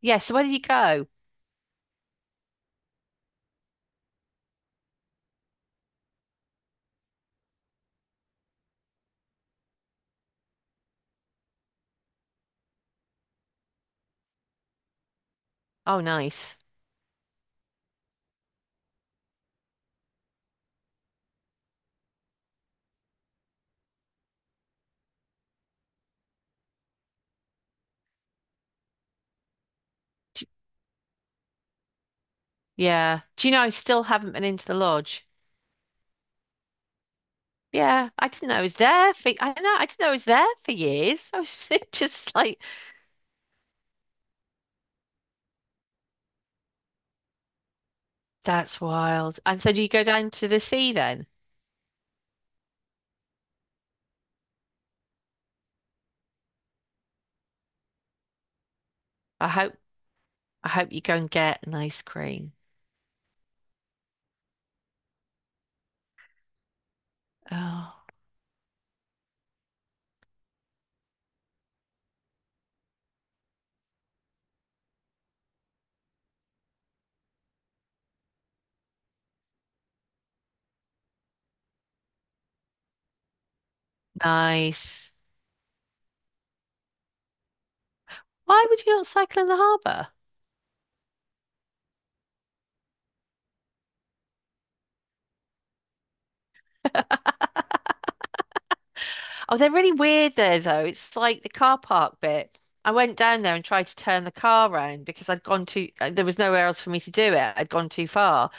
Yeah, so where did you go? Oh, nice. D yeah. Do you know I still haven't been into the lodge? Yeah, I didn't know it was there for I know I didn't know it was there for years. I was just like, that's wild. And so do you go down to the sea then? I hope I hope you go and get an ice cream. Oh, nice. Why would you not cycle in the harbour? Oh, they're really weird there though. It's like the car park bit. I went down there and tried to turn the car round because there was nowhere else for me to do it. I'd gone too far.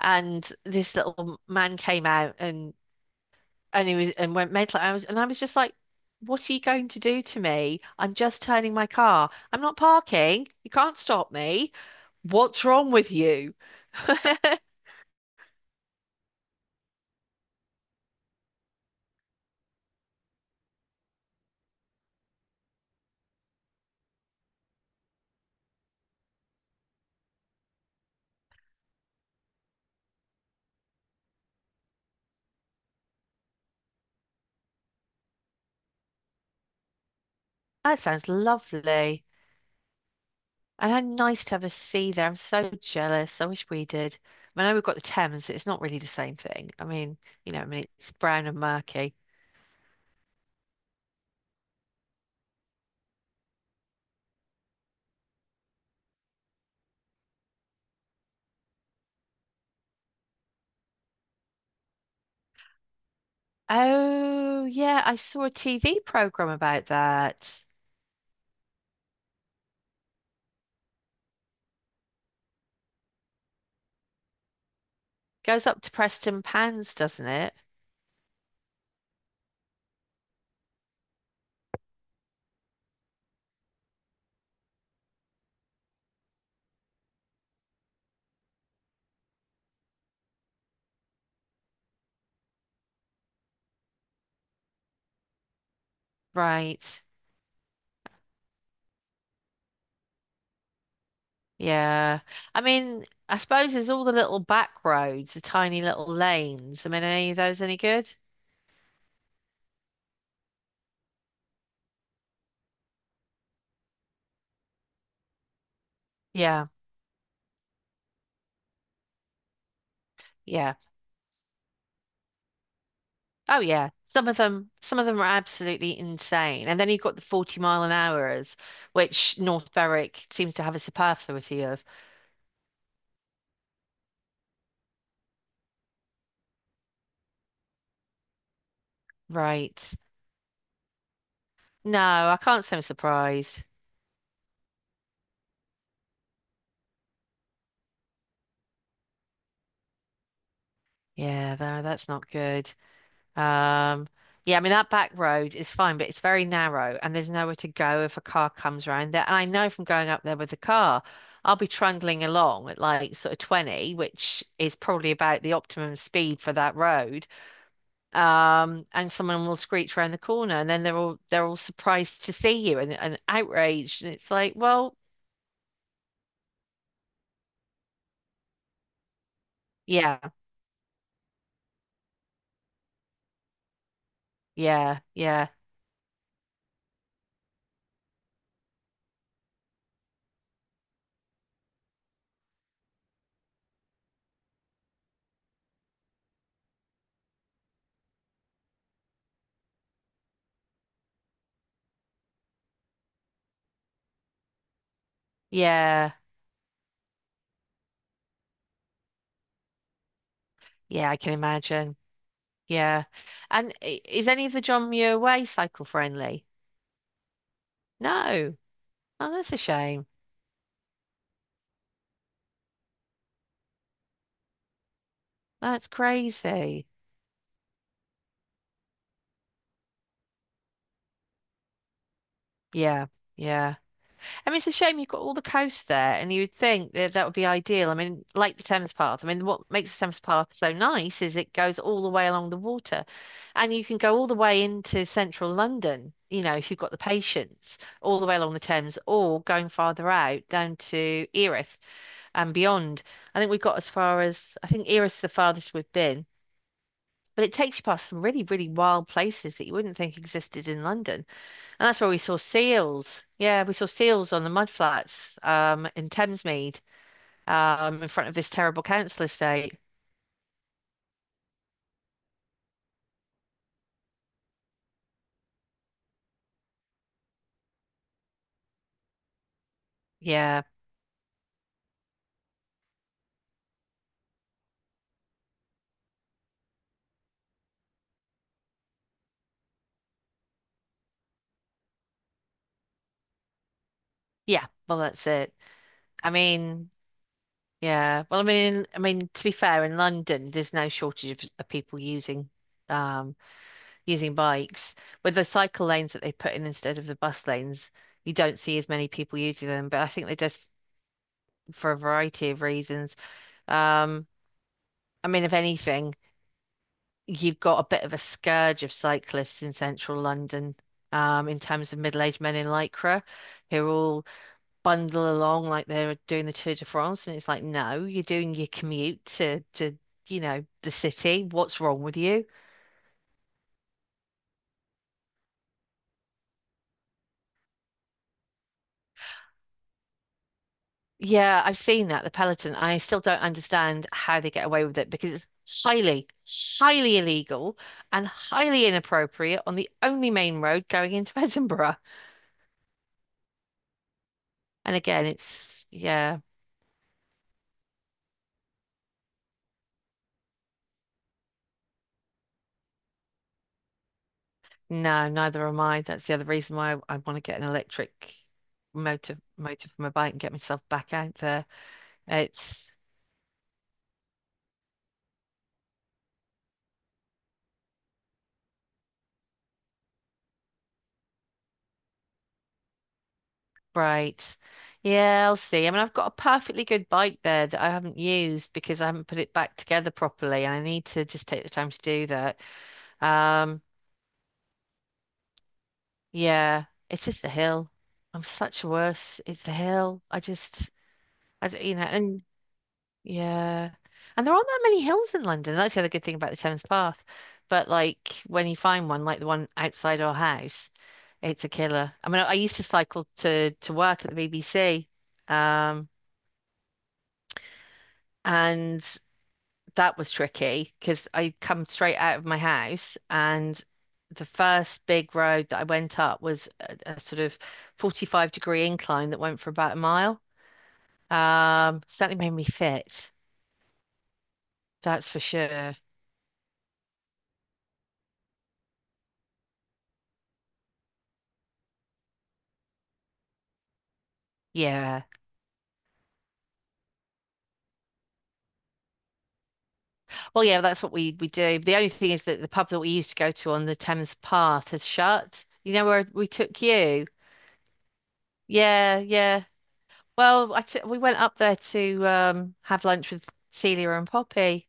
And this little man came out and he was and went mental. I was just like, "What are you going to do to me? I'm just turning my car. I'm not parking. You can't stop me. What's wrong with you?" That sounds lovely. And how nice to have a sea there. I'm so jealous. I wish we did. I mean, I know we've got the Thames. It's not really the same thing. I mean, I mean, it's brown and murky. Oh, yeah, I saw a TV program about that. Goes up to Preston Pans, doesn't it? Right. Yeah. I mean, I suppose there's all the little back roads, the tiny little lanes. I mean, are any of those any good? Yeah. Yeah. Oh yeah. Some of them are absolutely insane. And then you've got the 40-mile an hours, which North Berwick seems to have a superfluity of. Right. No, I can't say I'm surprised. Yeah, no, that's not good. Um, yeah, I mean that back road is fine, but it's very narrow and there's nowhere to go if a car comes around there. And I know from going up there with the car, I'll be trundling along at like sort of 20, which is probably about the optimum speed for that road. And someone will screech around the corner and then they're all surprised to see you and, outraged. And it's like, well, yeah, yeah, yeah, yeah, yeah, I can imagine. Yeah. And is any of the John Muir Way cycle friendly? No. Oh, that's a shame. That's crazy. Yeah, yeah. I mean, it's a shame you've got all the coast there, and you would think that that would be ideal. I mean, like the Thames Path. I mean, what makes the Thames Path so nice is it goes all the way along the water, and you can go all the way into central London, if you've got the patience, all the way along the Thames, or going farther out down to Erith and beyond. I think we got as far as, I think Erith's the farthest we've been. But it takes you past some really, really wild places that you wouldn't think existed in London. And that's where we saw seals. Yeah, we saw seals on the mudflats in Thamesmead in front of this terrible council estate. Yeah, yeah, well, that's it. I mean, yeah, well, I mean, to be fair, in London, there's no shortage of, people using um, using bikes. With the cycle lanes that they put in instead of the bus lanes, you don't see as many people using them. But I think they just, for a variety of reasons, Um, I mean, if anything, you've got a bit of a scourge of cyclists in central London, in terms of middle-aged men in lycra who all bundle along like they're doing the Tour de France, and it's like, no, you're doing your commute to the city. What's wrong with you? Yeah, I've seen that, the Peloton. I still don't understand how they get away with it because it's highly, highly illegal and highly inappropriate on the only main road going into Edinburgh. And again, it's yeah. No, neither am I. That's the other reason why I want to get an electric motor for my bike and get myself back out there. It's great. Yeah, I'll see. I mean, I've got a perfectly good bike there that I haven't used because I haven't put it back together properly, and I need to just take the time to do that. Um, yeah, it's just the hill. I'm such a worse. It's the hill. I just, I, d- you know, and Yeah. And there aren't that many hills in London. That's the other good thing about the Thames Path. But like when you find one, like the one outside our house, it's a killer. I mean, I used to cycle to work at the BBC. Um, and that was tricky because I'd come straight out of my house and the first big road that I went up was a sort of 45-degree incline that went for about a mile. Certainly made me fit. That's for sure. Yeah. Well, yeah, that's what we do. The only thing is that the pub that we used to go to on the Thames Path has shut. You know where we took you? Yeah, yeah. Well, I t we went up there to have lunch with Celia and Poppy.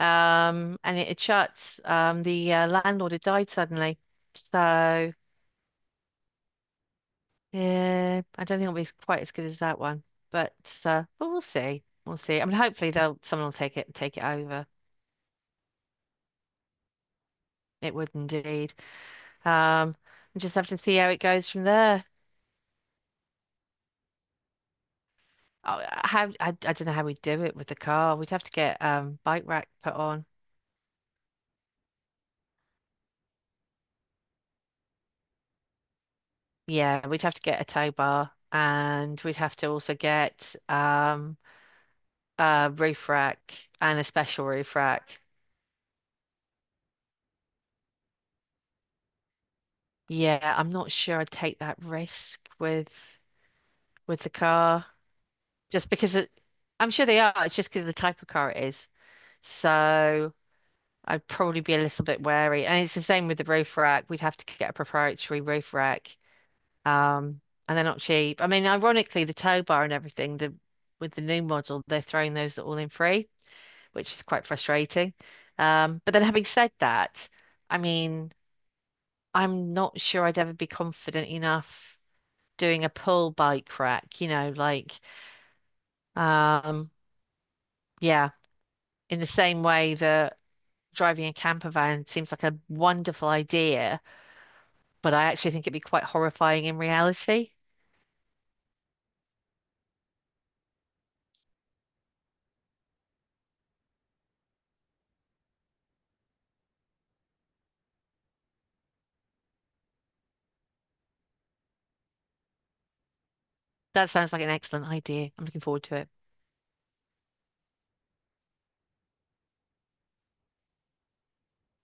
And it had shut. The landlord had died suddenly. So, yeah, I don't think it'll be quite as good as that one. But but we'll see. We'll see. I mean hopefully they'll someone will take it over. It would indeed. Um, we just have to see how it goes from there. Oh, how I don't know how we would do it with the car. We'd have to get bike rack put on. Yeah, we'd have to get a tow bar and we'd have to also get a roof rack and a special roof rack. Yeah, I'm not sure I'd take that risk with the car just because it, I'm sure they are. It's just because of the type of car it is. So I'd probably be a little bit wary. And it's the same with the roof rack. We'd have to get a proprietary roof rack. Um, and they're not cheap. I mean, ironically, the tow bar and everything, the with the new model, they're throwing those all in free, which is quite frustrating. But then having said that, I mean, I'm not sure I'd ever be confident enough doing a pull bike rack, you know, like um, yeah, in the same way that driving a camper van seems like a wonderful idea, but I actually think it'd be quite horrifying in reality. That sounds like an excellent idea. I'm looking forward to it.